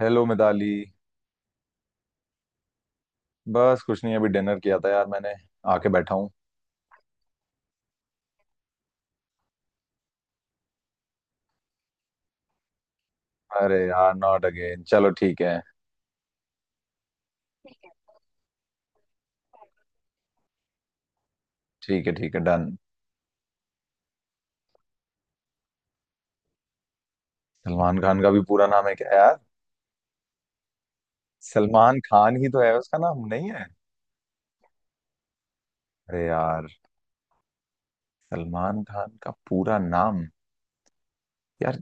Hello Mitali. बस कुछ नहीं, अभी डिनर किया था यार मैंने, आके बैठा हूँ। अरे यार, नॉट अगेन। चलो ठीक है। ठीक है ठीक है, डन। सलमान खान का भी पूरा नाम है क्या यार? सलमान खान ही तो है, उसका नाम नहीं है। अरे यार! सलमान खान का पूरा नाम। यार।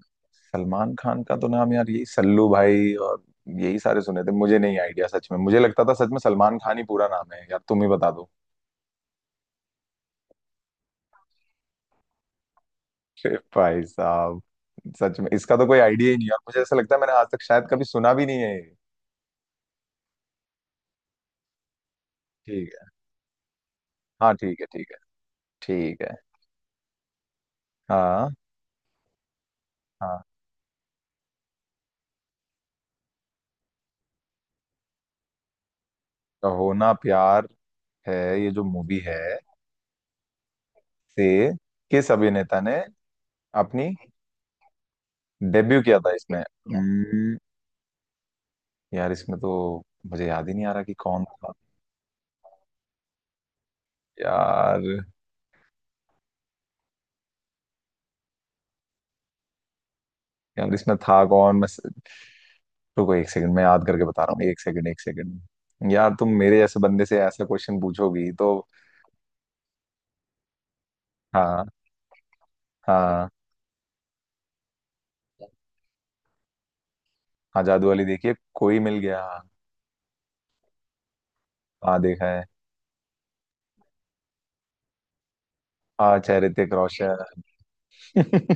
सलमान खान का तो नाम यार यही सल्लू भाई, और यही सारे सुने थे। मुझे नहीं आइडिया, सच में। मुझे लगता था सच में सलमान खान ही पूरा नाम है यार, तुम ही बता दो। अरे भाई साहब! सच में इसका तो कोई आइडिया ही नहीं है, और मुझे ऐसा लगता है मैंने आज तक शायद कभी सुना भी नहीं है ये। ठीक है। हाँ ठीक है, ठीक है। ठीक है। हाँ। हाँ। तो होना प्यार है, ये जो मूवी है, से किस अभिनेता ने अपनी डेब्यू किया था इसमें यार इसमें तो मुझे याद ही नहीं आ रहा कि कौन था। यार। यार इसमें था कौन, मैं रुको, एक सेकंड। मैं याद करके बता रहा हूँ, एक सेकंड एक सेकंड। यार तुम मेरे जैसे बंदे से ऐसा क्वेश्चन पूछोगी तो। हाँ। हाँ। हाँ, जादू वाली देखिए, कोई मिल गया। हाँ देखा है। अच्छा, ऋतिक रोशन।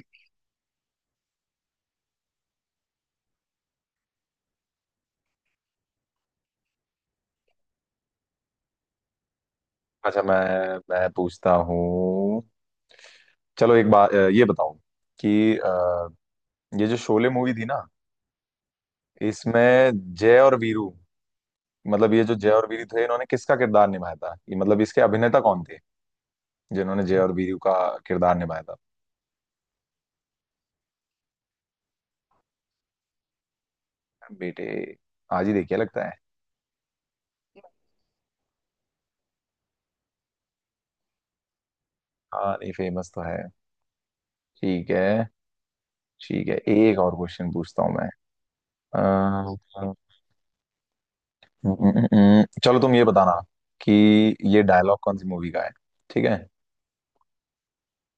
अच्छा, मैं पूछता हूँ। चलो एक बात ये बताओ कि ये जो शोले मूवी थी ना, इसमें जय और वीरू, मतलब ये जो जय और वीरू थे, इन्होंने किसका किरदार निभाया था, ये मतलब इसके अभिनेता कौन थे जिन्होंने जय और वीरू का किरदार निभाया था? बेटे आज ही देखिए लगता है। हाँ नहीं, फेमस तो है। ठीक है। ठीक है, एक और क्वेश्चन पूछता हूँ मैं। चलो तुम ये बताना कि ये डायलॉग कौन सी मूवी का है। ठीक है।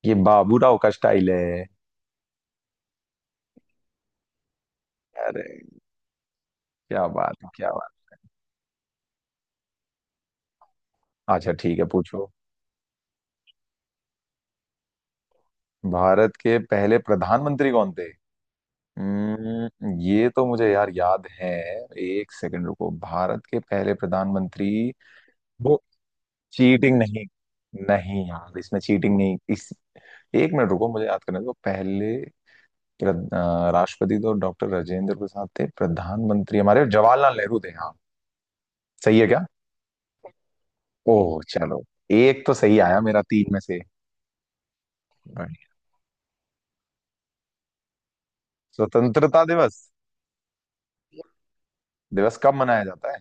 ये बाबूराव का स्टाइल है। अरे! क्या बात है, क्या बात! अच्छा ठीक है, पूछो। भारत के पहले प्रधानमंत्री कौन थे? ये तो मुझे यार याद है। एक सेकंड रुको, भारत के पहले प्रधानमंत्री। वो, चीटिंग नहीं। नहीं यार, इसमें चीटिंग नहीं। इस, एक मिनट रुको मुझे याद करने दो पहले। राष्ट्रपति तो डॉक्टर राजेंद्र प्रसाद थे, प्रधानमंत्री हमारे जवाहरलाल नेहरू थे। हाँ, सही है क्या? ओह चलो, एक तो सही आया मेरा तीन में से। स्वतंत्रता दिवस, दिवस कब मनाया जाता है?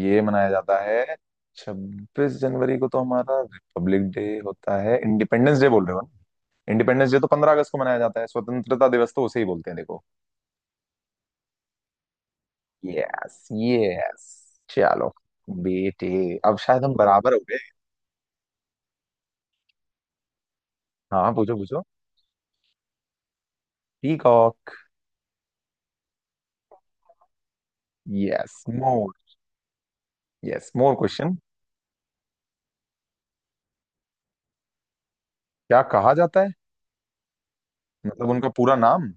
ये मनाया जाता है, 26 जनवरी को तो हमारा रिपब्लिक डे होता है। इंडिपेंडेंस डे बोल रहे हो ना? इंडिपेंडेंस डे तो 15 अगस्त को मनाया जाता है। स्वतंत्रता दिवस तो उसे ही बोलते हैं, देखो। Yes yes. चलो बेटे, अब शायद हम बराबर हो गए। हाँ पूछो पूछो। पीकॉक। यस, मोर। यस, मोर क्वेश्चन। क्या कहा जाता है? मतलब उनका पूरा नाम?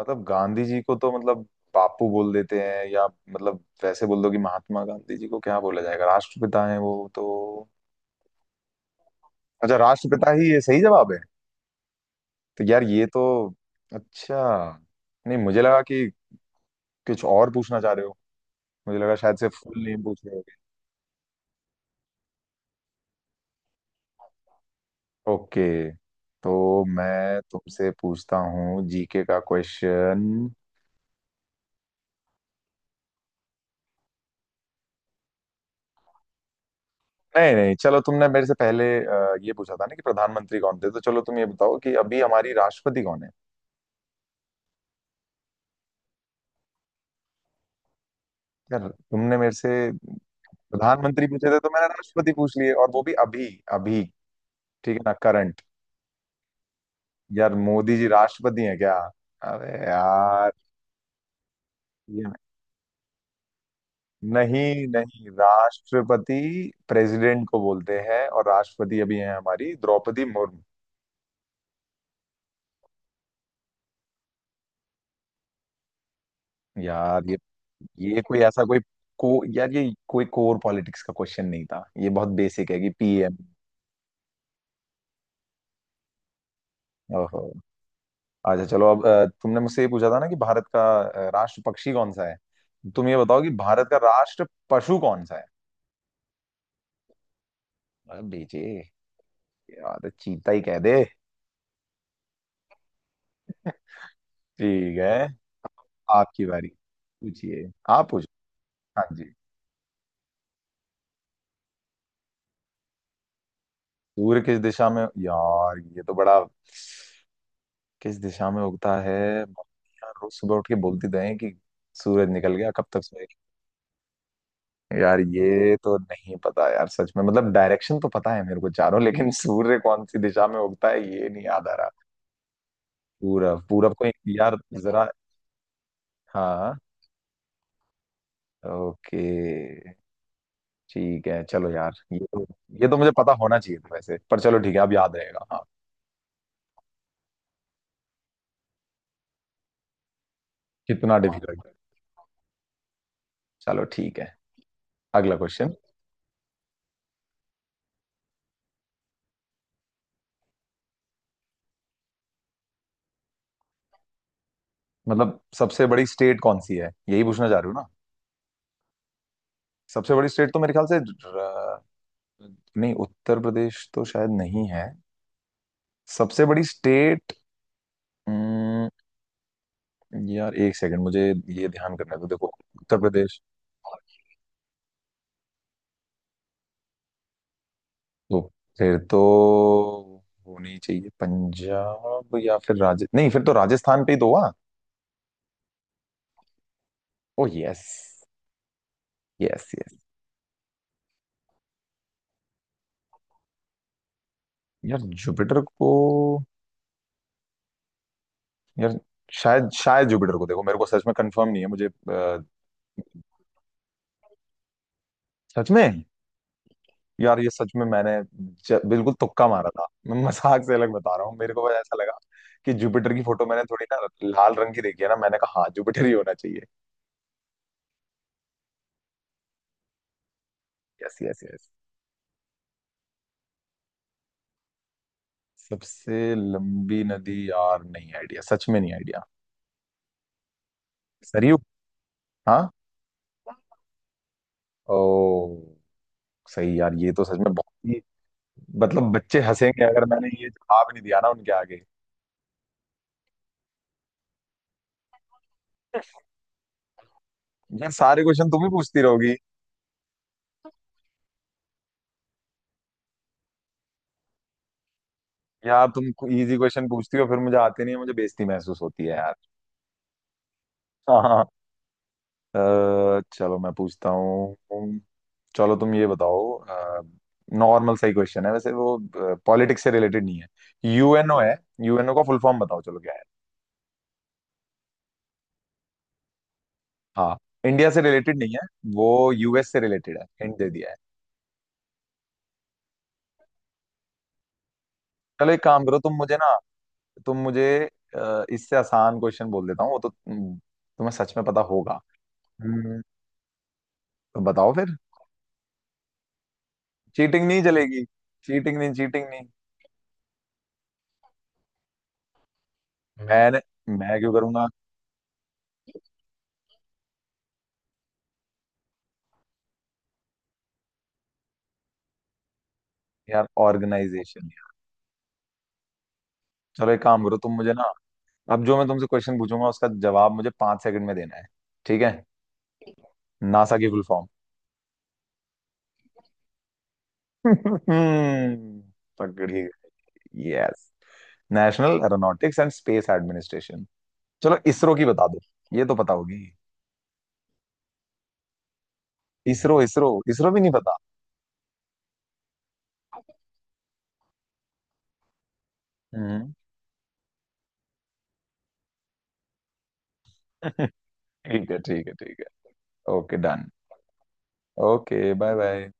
मतलब गांधी जी को तो मतलब बापू बोल देते हैं, या मतलब वैसे बोल दो, कि महात्मा गांधी जी को क्या बोला जाएगा, राष्ट्रपिता है वो तो। अच्छा, राष्ट्रपिता ही ये सही जवाब है। तो यार ये तो, अच्छा, नहीं मुझे लगा कि कुछ और पूछना चाह रहे हो। मुझे लगा शायद से फुल नेम पूछ रहे हो। ओके, तो मैं तुमसे पूछता हूँ जीके का क्वेश्चन। नहीं नहीं, चलो तुमने मेरे से पहले ये पूछा था ना कि प्रधानमंत्री कौन थे, तो चलो तुम ये बताओ कि अभी हमारी राष्ट्रपति कौन है। यार तुमने मेरे से प्रधानमंत्री पूछे थे, तो मैंने राष्ट्रपति पूछ लिए, और वो भी अभी अभी। ठीक है ना, करंट। यार मोदी जी राष्ट्रपति हैं क्या? अरे यार! ये, नहीं नहीं, राष्ट्रपति प्रेसिडेंट को बोलते हैं, और राष्ट्रपति अभी हैं हमारी द्रौपदी मुर्मू। यार ये कोई ऐसा कोई, को यार ये कोई कोर पॉलिटिक्स का क्वेश्चन नहीं था, ये बहुत बेसिक है कि पीएम। ओहो। अच्छा चलो अब तुमने मुझसे ये पूछा था ना कि भारत का राष्ट्र पक्षी कौन सा है। तुम ये बताओ कि भारत का राष्ट्र पशु कौन सा है। अरे बेचे! यार तो चीता ही कह दे। ठीक है। आपकी बारी। पूछिए। आप पूछो। हाँ जी। सूर्य किस दिशा में, यार ये तो बड़ा, किस दिशा में उगता है? यार रोज सुबह उठ के बोलती तो है कि सूरज निकल गया, कब तक सोएगी। यार ये तो नहीं पता यार, सच में। मतलब डायरेक्शन तो पता है मेरे को चारों, लेकिन सूर्य कौन सी दिशा में उगता है ये नहीं याद आ रहा। पूरब, पूरब को? यार जरा, हाँ, ओके, ठीक है। चलो यार, ये तो, ये तो मुझे पता होना चाहिए था वैसे। पर चलो ठीक है, अब याद रहेगा, हाँ। कितना डिफिकल्ट? चलो ठीक है। अगला क्वेश्चन। मतलब सबसे बड़ी स्टेट कौन सी है, यही पूछना चाह रहे हो ना? सबसे बड़ी स्टेट तो मेरे ख्याल से नहीं, उत्तर प्रदेश तो शायद नहीं है। सबसे बड़ी स्टेट। यार एक सेकंड मुझे ये ध्यान करने दो, देखो। उत्तर प्रदेश, तो फिर तो, होनी चाहिए पंजाब या फिर राज नहीं, फिर तो राजस्थान पे ही तो हुआ। Oh yes! Yes yes. यार जुपिटर को। यार, शायद शायद जुपिटर को। देखो मेरे को सच में कंफर्म नहीं है मुझे सच में? यार ये सच में मैंने बिल्कुल तुक्का मारा था। मैं मजाक से अलग बता रहा हूँ, मेरे को बस ऐसा लगा कि जुपिटर की फोटो मैंने थोड़ी ना लाल रंग की देखी है ना, मैंने कहा हाँ जुपिटर ही होना चाहिए। Yes yes yes. सबसे लंबी नदी, यार नहीं आइडिया, सच में नहीं आइडिया। सरयू? हाँ। ओ, सही। यार ये तो सच में बहुत ही, मतलब बच्चे हंसेंगे अगर मैंने ये जवाब नहीं दिया ना उनके आगे। यार सारे क्वेश्चन तुम ही पूछती रहोगी? यार तुम इजी क्वेश्चन पूछती हो, फिर मुझे आते नहीं है, मुझे बेइज्जती महसूस होती है यार। अ, चलो मैं पूछता हूँ। चलो तुम ये बताओ। नॉर्मल सही क्वेश्चन है वैसे वो, पॉलिटिक्स से रिलेटेड नहीं है। यूएनओ है। यूएनओ का फुल फॉर्म बताओ, चलो क्या है? हाँ, इंडिया से रिलेटेड नहीं है। वो यूएस से रिलेटेड है, हिंट दे दिया है। चलो एक काम करो, तुम मुझे ना, तुम मुझे इससे आसान क्वेश्चन बोल देता हूँ वो, तो तुम्हें सच में पता होगा। हम्म, तो बताओ फिर। चीटिंग नहीं चलेगी। चीटिंग नहीं, चीटिंग नहीं। मैंने, मैं क्यों करूंगा? यार ऑर्गेनाइजेशन। चलो एक काम करो, तुम मुझे ना, अब जो मैं तुमसे क्वेश्चन पूछूंगा उसका जवाब मुझे 5 सेकंड में देना है। ठीक है। नासा की फुल फॉर्म? पकड़िए! Yes, national aeronautics and space administration. चलो इसरो की बता दो, ये तो पता होगी। इसरो, इसरो इसरो भी नहीं पता? हम्म। ठीक है ठीक है ठीक है। Okay done. Okay bye bye.